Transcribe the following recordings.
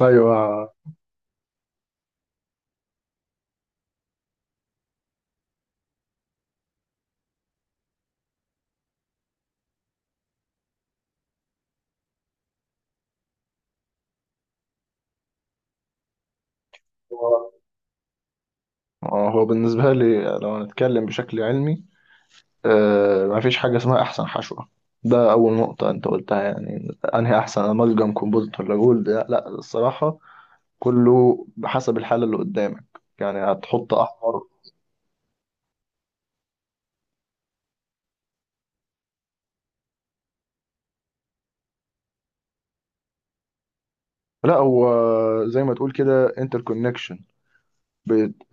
ايوه. هو هو بالنسبه لي لو هنتكلم بشكل علمي، مفيش حاجه اسمها احسن حشوه. ده اول نقطه انت قلتها، يعني انهي احسن، امالجم كومبوزيت ولا جولد؟ لا لا، الصراحه كله بحسب الحاله اللي قدامك. يعني هتحط احمر. لا هو، زي ما تقول كده انتر كونكشن،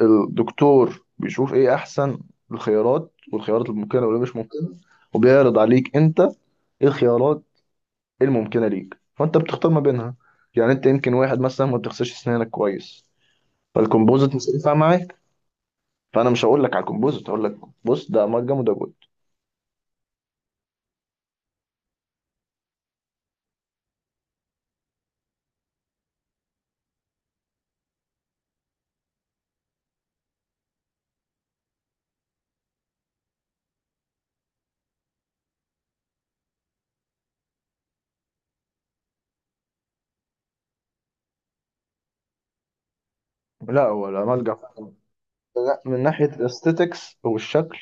الدكتور بيشوف ايه احسن الخيارات، والخيارات الممكنه واللي مش ممكنه، وبيعرض عليك انت ايه الخيارات، إيه الممكنه ليك، فانت بتختار ما بينها. يعني انت يمكن واحد مثلا ما بتغسلش اسنانك كويس، فالكمبوزيت مش هينفع معاك، فانا مش هقول لك على الكمبوزيت، هقول لك بص، ده امالجم وده جود. لا، هو الامالجم من ناحيه الاستيتكس والشكل،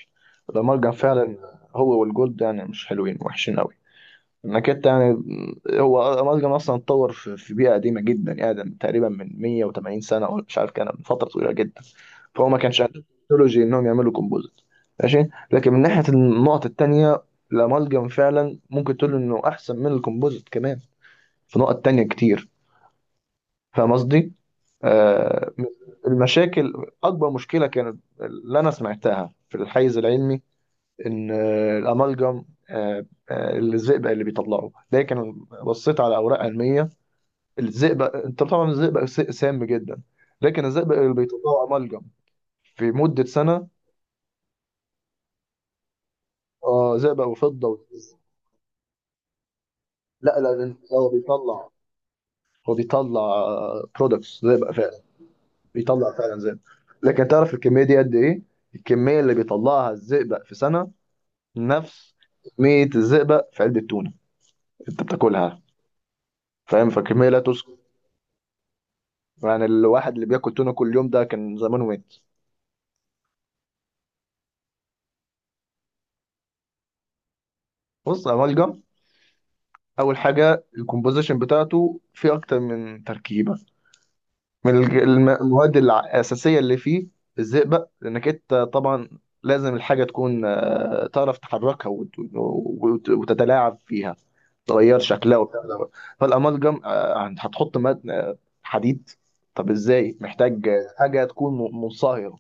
الامالجم فعلا هو والجولد يعني مش حلوين، وحشين قوي، انك انت يعني. هو الامالجم اصلا اتطور في بيئه قديمه جدا، ادم، تقريبا من 180 سنه، ولا مش عارف، كان من فتره طويله جدا. فهو ما كانش عنده تكنولوجي انهم يعملوا كومبوزيت. ماشي. لكن من ناحية النقط التانية، الأمالجم فعلا ممكن تقول إنه أحسن من الكومبوزيت كمان في نقط تانية كتير. فاهم قصدي؟ آه المشاكل، أكبر مشكلة كانت اللي أنا سمعتها في الحيز العلمي إن الأمالجم، الزئبق اللي بيطلعه. لكن بصيت على أوراق علمية. الزئبق، أنت طبعا الزئبق سام جدا. لكن الزئبق اللي بيطلعه أمالجم في مدة سنة، زئبق وفضة لا لا، هو بيطلع برودكتس زئبق فعلا. بيطلع فعلا زئبق. لكن تعرف الكميه دي قد ايه؟ الكميه اللي بيطلعها الزئبق في سنه نفس كميه الزئبق في علبه تونه انت بتاكلها. فاهم؟ فالكميه لا تذكر. يعني الواحد اللي بياكل تونه كل يوم ده كان زمانه مات. بص يا ملجم، اول حاجه، الكومبوزيشن بتاعته فيه اكتر من تركيبه. من المواد الأساسية اللي فيه الزئبق، لأنك أنت طبعا لازم الحاجة تكون، تعرف تحركها وتتلاعب فيها، تغير شكلها وبتاع ده. فالأمالجم هتحط ماد آه، حديد. طب إزاي؟ محتاج حاجة تكون منصهرة.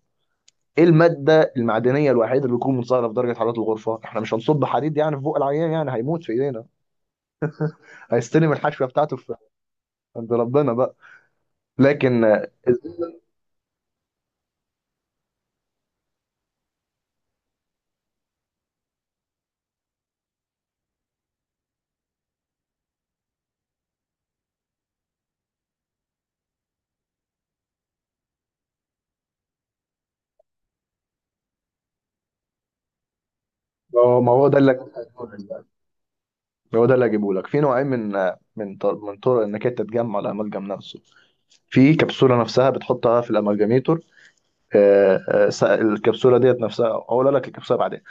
إيه المادة المعدنية الوحيدة اللي بتكون منصهرة في درجة حرارة الغرفة؟ إحنا مش هنصب حديد يعني في بق العيان، يعني هيموت في إيدينا، هيستلم الحشوة بتاعته في عند ربنا بقى. لكن ما هو ده اللي هجيبه لك. في نوعين من من طرق انك انت تجمع الاملجم نفسه في كبسوله نفسها، بتحطها في الاملجميتور. الكبسوله ديت نفسها، اقول لك الكبسوله بعدين.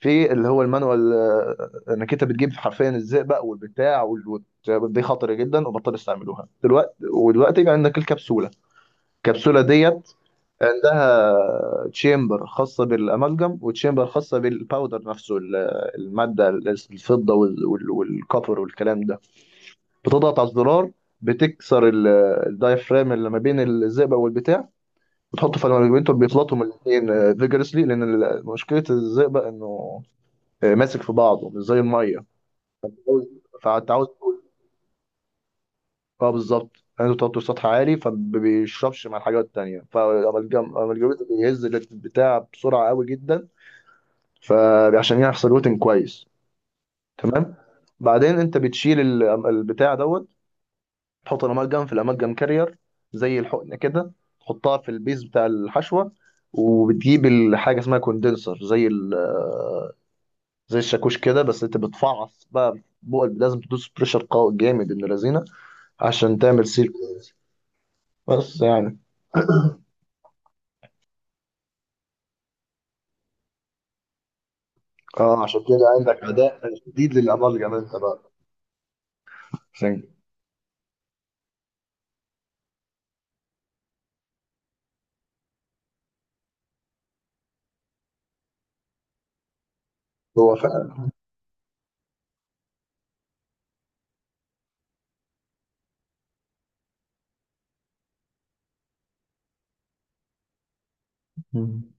في اللي هو المانوال، انك انت بتجيب حرفيا الزئبق والبتاع دي خطر جدا وبطل استعملوها دلوقتي، ودلوقتي بقى عندك الكبسوله ديت عندها تشامبر خاصه بالاملجم، وتشامبر خاصه بالباودر نفسه، الماده، الفضه والكوبر والكلام ده. بتضغط على الزرار، بتكسر الدايفرام اللي ما بين الزئبق والبتاع. بتحطه في المانجمنتور بيخلطهم الاثنين فيجرسلي، لان مشكله الزئبق انه ماسك في بعضه، مش زي الميه. فانت عاوز تقول اه، بالظبط، عنده توتر سطح عالي، فما بيشربش مع الحاجات التانية. فالجم بيهز البتاع بسرعة قوي جدا فعشان يحصل روتين كويس. تمام. بعدين انت بتشيل البتاع دوت، تحط الأمالجم في الأمالجم كارير، زي الحقنة كده، تحطها في البيز بتاع الحشوة. وبتجيب الحاجة اسمها كوندنسر، زي ال- آه، زي الشاكوش كده، بس انت بتفعص بقى لازم تدوس بريشر قوي جامد ابن لذينه عشان تعمل سيل كويس. بس يعني. اه، عشان كده عندك اداء شديد للامالجم انت بقى. عشان هو فعلا. مم.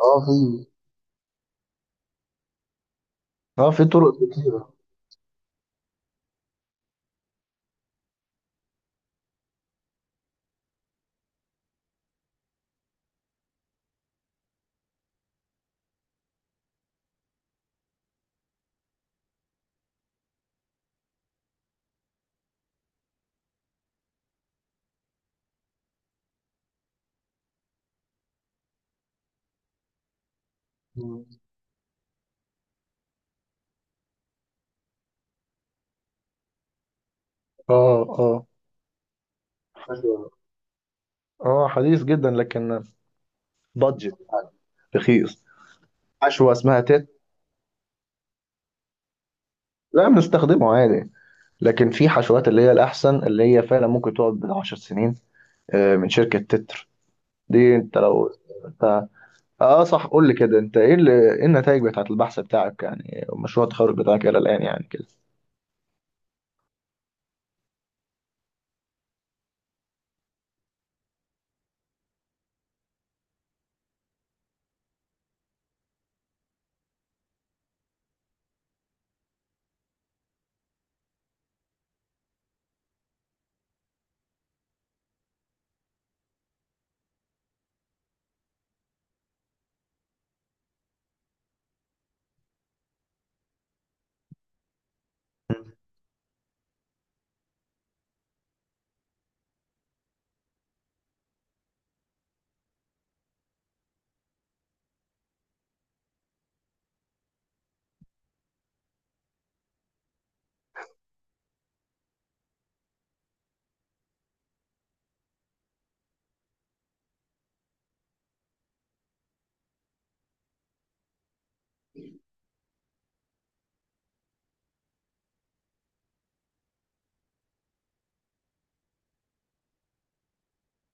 اه، في. اه، في طرق كتيره. مم. اه اه. حشوة. اه، حديث جدا لكن بادجت، رخيص. حشوه اسمها تيت. لا، بنستخدمه عادي. لكن في حشوات اللي هي الأحسن، اللي هي فعلا ممكن تقعد بالعشر سنين، من شركة تتر. دي انت لو انت، اه صح، قول لي كده، انت ايه النتائج بتاعت البحث بتاعك يعني، ومشروع التخرج بتاعك الى الآن يعني كده.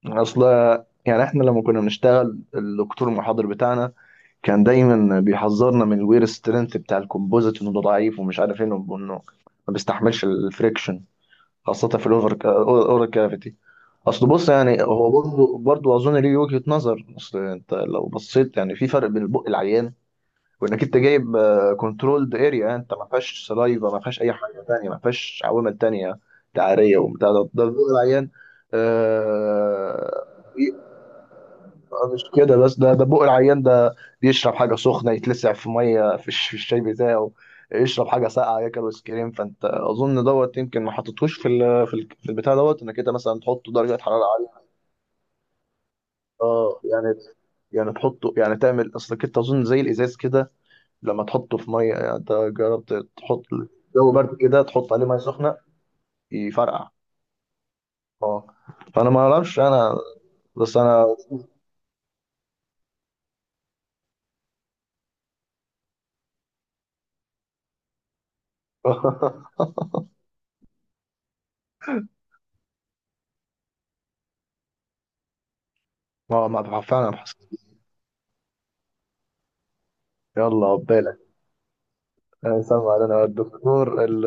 اصل يعني احنا لما كنا بنشتغل الدكتور المحاضر بتاعنا كان دايما بيحذرنا من الوير سترينث بتاع الكومبوزيت، انه ده ضعيف ومش عارف ايه، إنه ما بيستحملش الفريكشن، خاصة في الاوفر اورال كافيتي. اصل بص يعني هو، برضه اظن ليه وجهة نظر. اصل انت لو بصيت يعني في فرق بين البق العيان وانك انت جايب كنترولد اريا، انت ما فيهاش سلايفا، ما فيهاش اي حاجه تانية، ما فيهاش عوامل تانية، تعاريه وبتاع ده البق العيان. آه مش كده بس، ده بق العيان ده بيشرب حاجه سخنه، يتلسع في ميه، في في الشاي بتاعه، يشرب حاجه ساقعه، ياكل ايس كريم. فانت اظن دوت يمكن ما حطيتهوش في البتاع دوت، انك انت مثلا تحط درجه حراره. اه يعني تحطه، يعني تعمل، اصلك انت اظن زي الازاز كده، لما تحطه في ميه. يعني انت جربت تحط جو برد كده تحط عليه ميه سخنه؟ يفرقع. اه. فانا ما اعرفش انا، بس انا ما فعلا بحس. يلا عقبالك. انا سامع، انا الدكتور،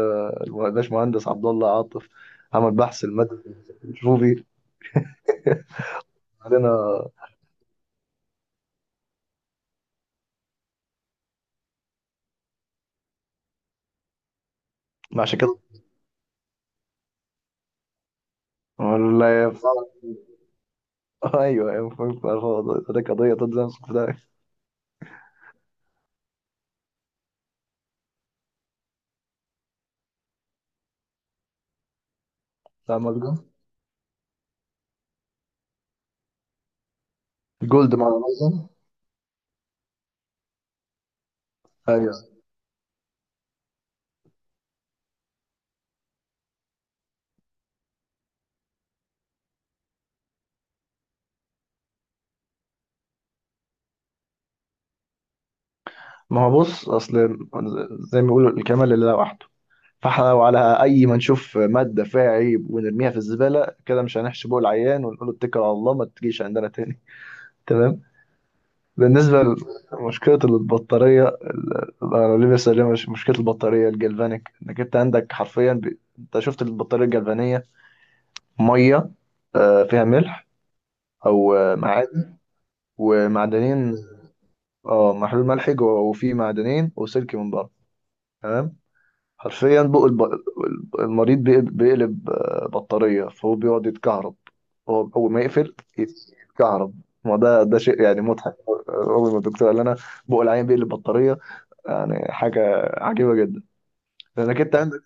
الباش مهندس عبد الله عاطف عمل بحث المادة الروبي علينا. ما عشان كده ولا ينفع. ايوه ايوه، فاهم، فاهم، فاهم، ده قضيه تنزل في ده. ده مجنون. جولد مع الأمازون. ايوه. ما هو بص، اصل زي ما بيقولوا الكمال لله وحده. فاحنا لو على اي ما نشوف ماده فيها عيب ونرميها في الزباله كده، مش هنحشي بقى العيان ونقول له اتكل على الله ما تجيش عندنا تاني. تمام. بالنسبه لمشكله البطاريه انا، ليه بس، ليه مش مشكله البطاريه الجلفانيك؟ انك انت عندك حرفيا انت شفت البطاريه الجلفانيه؟ ميه، فيها ملح، او معادن، ومعدنين. اه، محلول ملحي جوه، وفيه معدنين وسلك من بره. تمام. حرفيا بقى المريض بيقلب بطارية، فهو بيقعد يتكهرب. هو أول ما يقفل يتكهرب. ما ده شيء يعني مضحك. أول ما الدكتور قال لنا بقى العين بيقلب بطارية، يعني حاجة عجيبة جدا. لأنك أنت عندك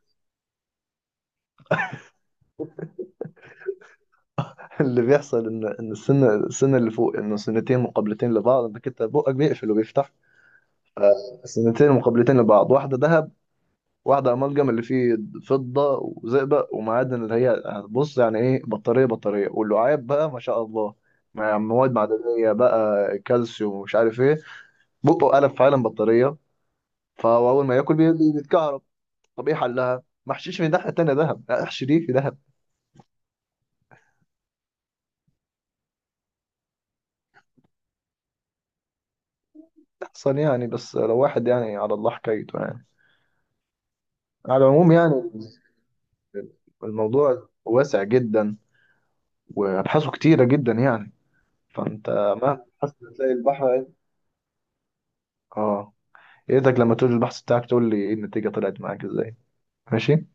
اللي بيحصل إن السن اللي فوق، إنه سنتين مقابلتين لبعض، إنك أنت بقك بيقفل وبيفتح. سنتين مقابلتين لبعض، واحدة دهب واحدة أمالجم اللي فيه فضة وزئبق ومعادن، اللي هي، بص يعني إيه، بطارية بطارية، واللعاب بقى ما شاء الله مع مواد معدنية بقى، كالسيوم ومش عارف إيه، بقه قلب فعلا بطارية. فهو أول ما ياكل بيتكهرب. طب إيه حلها؟ ما احشيش من الناحية التانية دهب، لا، احشي دي في دهب أحسن يعني. بس لو واحد يعني على الله حكايته يعني. على العموم يعني الموضوع واسع جدا، وأبحاثه كتيرة جدا يعني، فأنت مهما بحثت تلاقي البحر. اه. يا ريتك لما تقول البحث بتاعك تقول لي ايه النتيجة، طلعت معاك ازاي. ماشي.